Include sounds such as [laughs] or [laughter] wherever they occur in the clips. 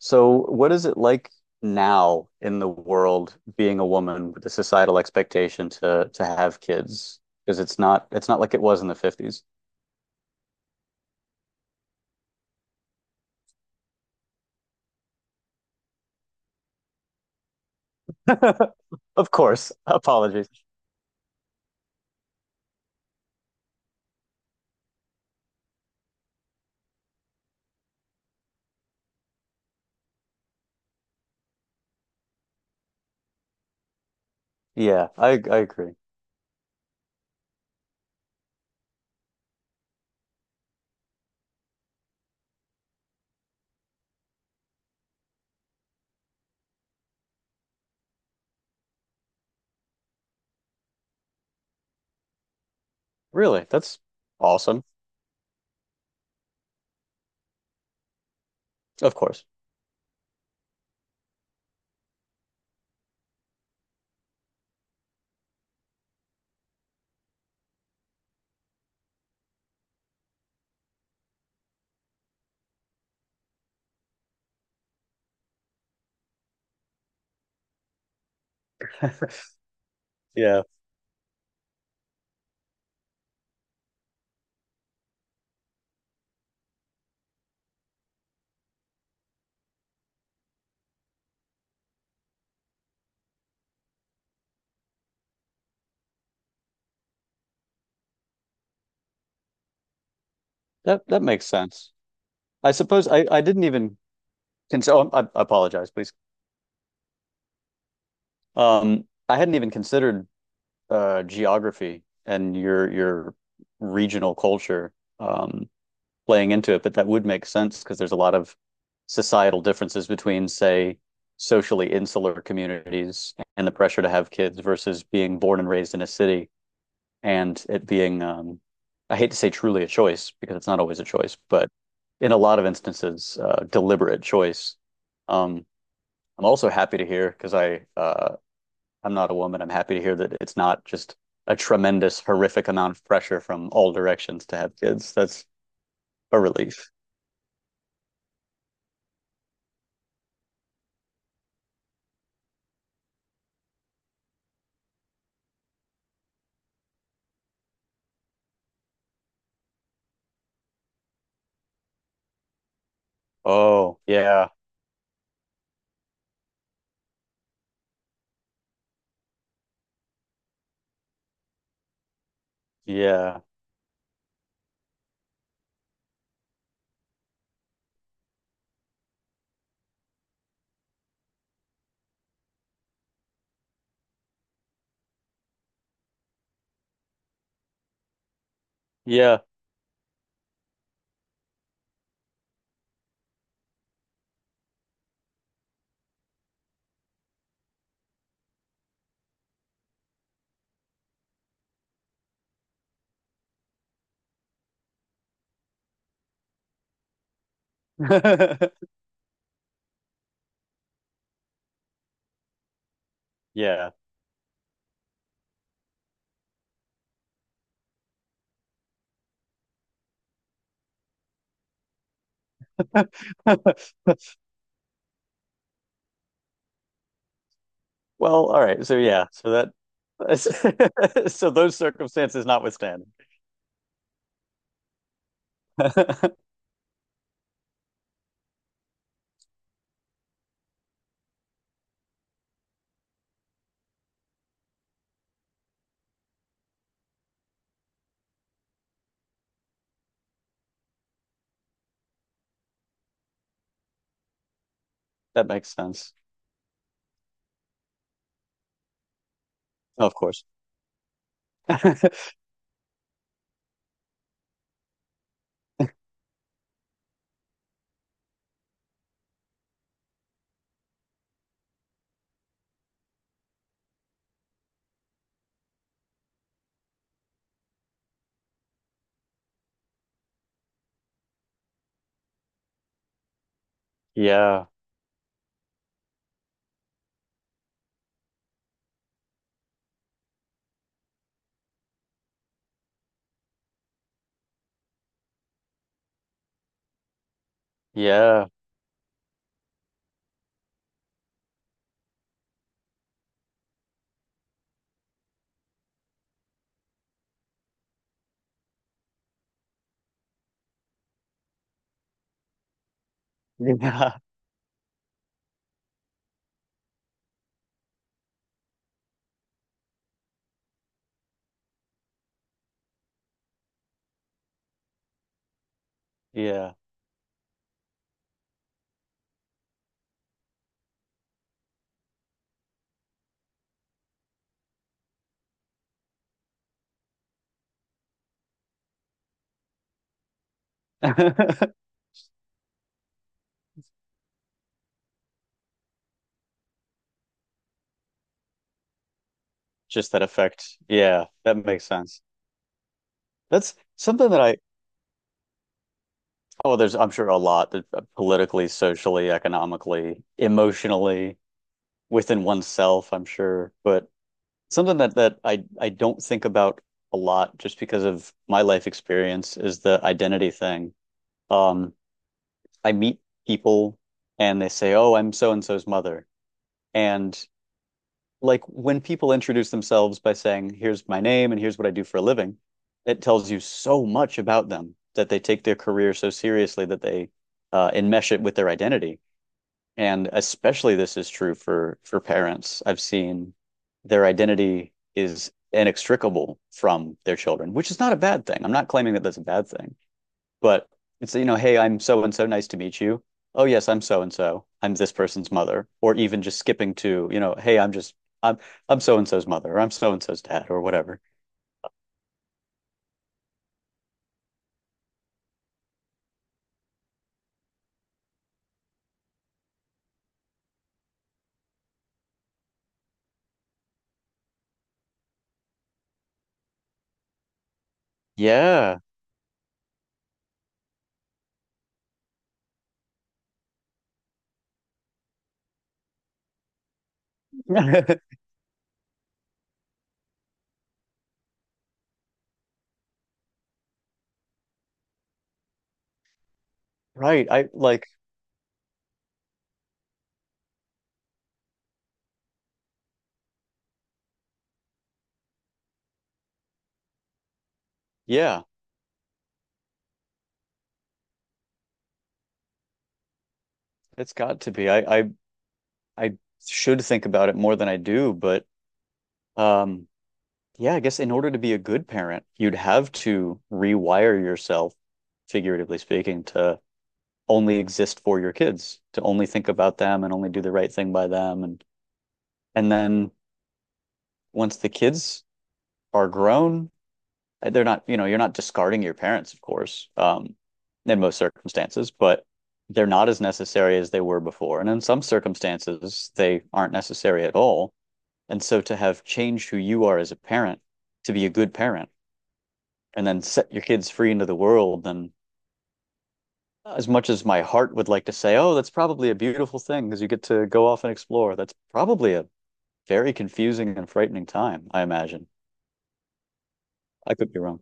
So, what is it like now in the world being a woman with the societal expectation to have kids? Because it's not like it was in the 50s. [laughs] Of course. Apologies. Yeah, I agree. Really, that's awesome. Of course. Yeah. That makes sense. I suppose I didn't even consider I apologize, please. I hadn't even considered geography and your regional culture. Um Playing into it, but that would make sense because there's a lot of societal differences between, say, socially insular communities and the pressure to have kids versus being born and raised in a city and it being, I hate to say truly a choice because it's not always a choice, but in a lot of instances, deliberate choice. Um, I'm also happy to hear because I I'm not a woman. I'm happy to hear that it's not just a tremendous, horrific amount of pressure from all directions to have kids. That's a relief. Oh, yeah. Yeah. Yeah. [laughs] Yeah. [laughs] Well, all right. So that [laughs] so those circumstances notwithstanding. [laughs] That makes sense. Of course. [laughs] Yeah. Yeah. Yeah. Yeah. [laughs] Just that effect. Yeah, that makes sense. That's something that I Oh, there's I'm sure a lot that politically, socially, economically, emotionally, within oneself, I'm sure. But something that I don't think about a lot just because of my life experience is the identity thing. Um, I meet people and they say, "Oh, I'm so and so's mother." And like when people introduce themselves by saying, "Here's my name and here's what I do for a living," it tells you so much about them that they take their career so seriously that they enmesh it with their identity. And especially this is true for parents. I've seen their identity is inextricable from their children, which is not a bad thing. I'm not claiming that that's a bad thing, but it's, you know, hey, I'm so and so, nice to meet you. Oh, yes, I'm so and so. I'm this person's mother, or even just skipping to, you know, hey, I'm just I'm I'm so and so's mother, or I'm so and so's dad, or whatever. Yeah. [laughs] Right. Yeah, it's got to be. I should think about it more than I do, but um yeah, I guess in order to be a good parent, you'd have to rewire yourself, figuratively speaking, to only exist for your kids, to only think about them and only do the right thing by them. And then once the kids are grown, they're not, you know, you're not discarding your parents, of course, in most circumstances, but they're not as necessary as they were before. And in some circumstances, they aren't necessary at all. And so to have changed who you are as a parent, to be a good parent, and then set your kids free into the world. And as much as my heart would like to say, oh, that's probably a beautiful thing because you get to go off and explore, that's probably a very confusing and frightening time, I imagine. I could be wrong.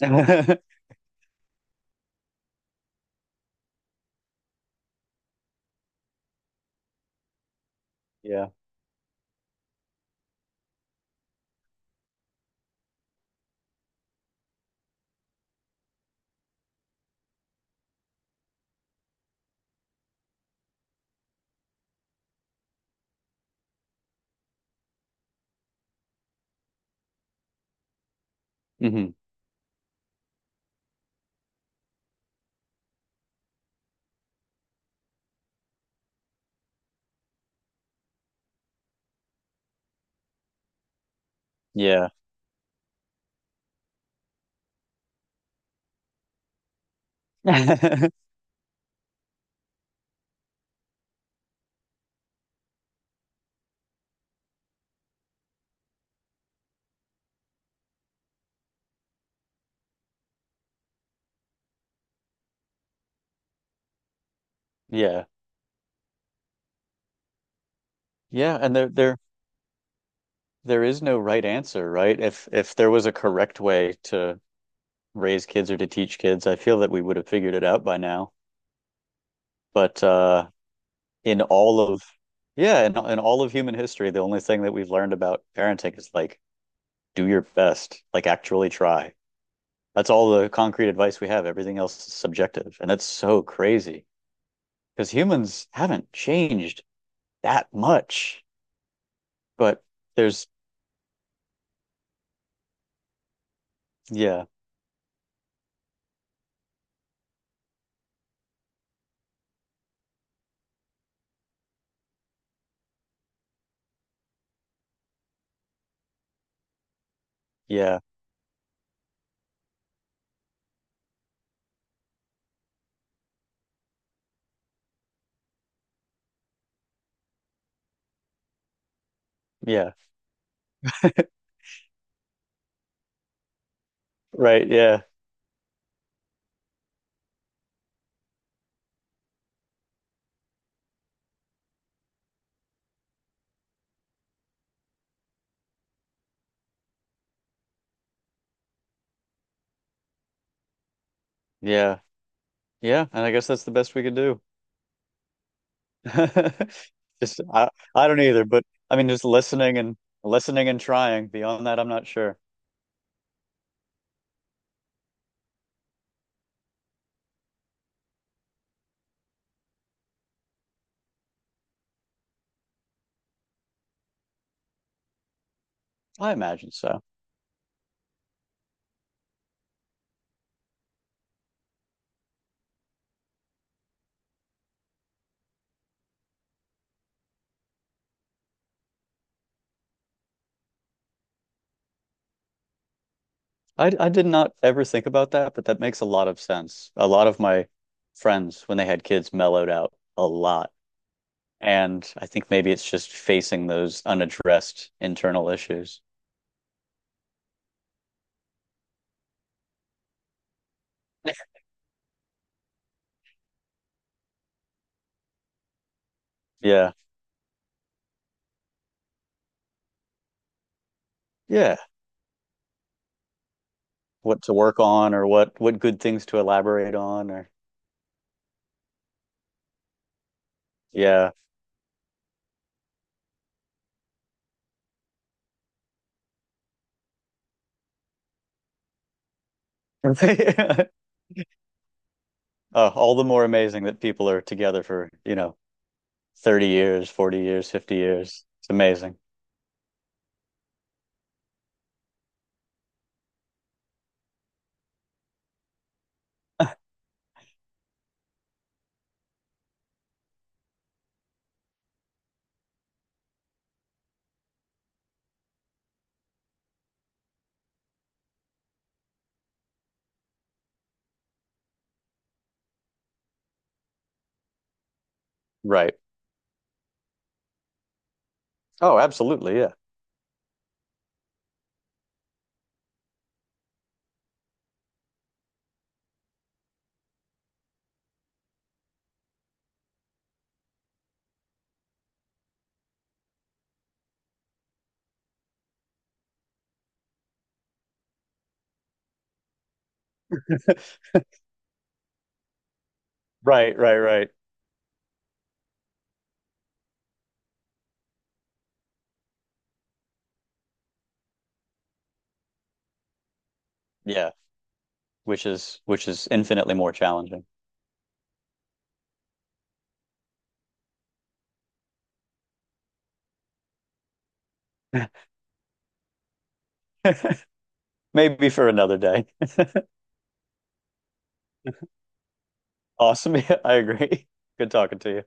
[laughs] Yeah. Hmm. Yeah. [laughs] Yeah. Yeah. And there is no right answer, right? If there was a correct way to raise kids or to teach kids, I feel that we would have figured it out by now. But in all of Yeah, in all of human history, the only thing that we've learned about parenting is like do your best, like actually try. That's all the concrete advice we have. Everything else is subjective. And that's so crazy because humans haven't changed that much. But there's, yeah, yeah, yeah, right. Yeah, yeah, yeah. And I guess that's the best we could do. [laughs] Just, I, I don't either. But I mean, just listening and listening and trying. Beyond that, I'm not sure. I imagine so. I did not ever think about that, but that makes a lot of sense. A lot of my friends, when they had kids, mellowed out a lot. And I think maybe it's just facing those unaddressed internal issues. Yeah. Yeah. What to work on or what good things to elaborate on or yeah. [laughs] All the more amazing that people are together for, you know, 30 years, 40 years, 50 years. It's amazing. Right. Oh, absolutely. Yeah. [laughs] Right, right, right. Yeah, which is infinitely more challenging. [laughs] Maybe for another day. [laughs] Awesome. Yeah, I agree. Good talking to you.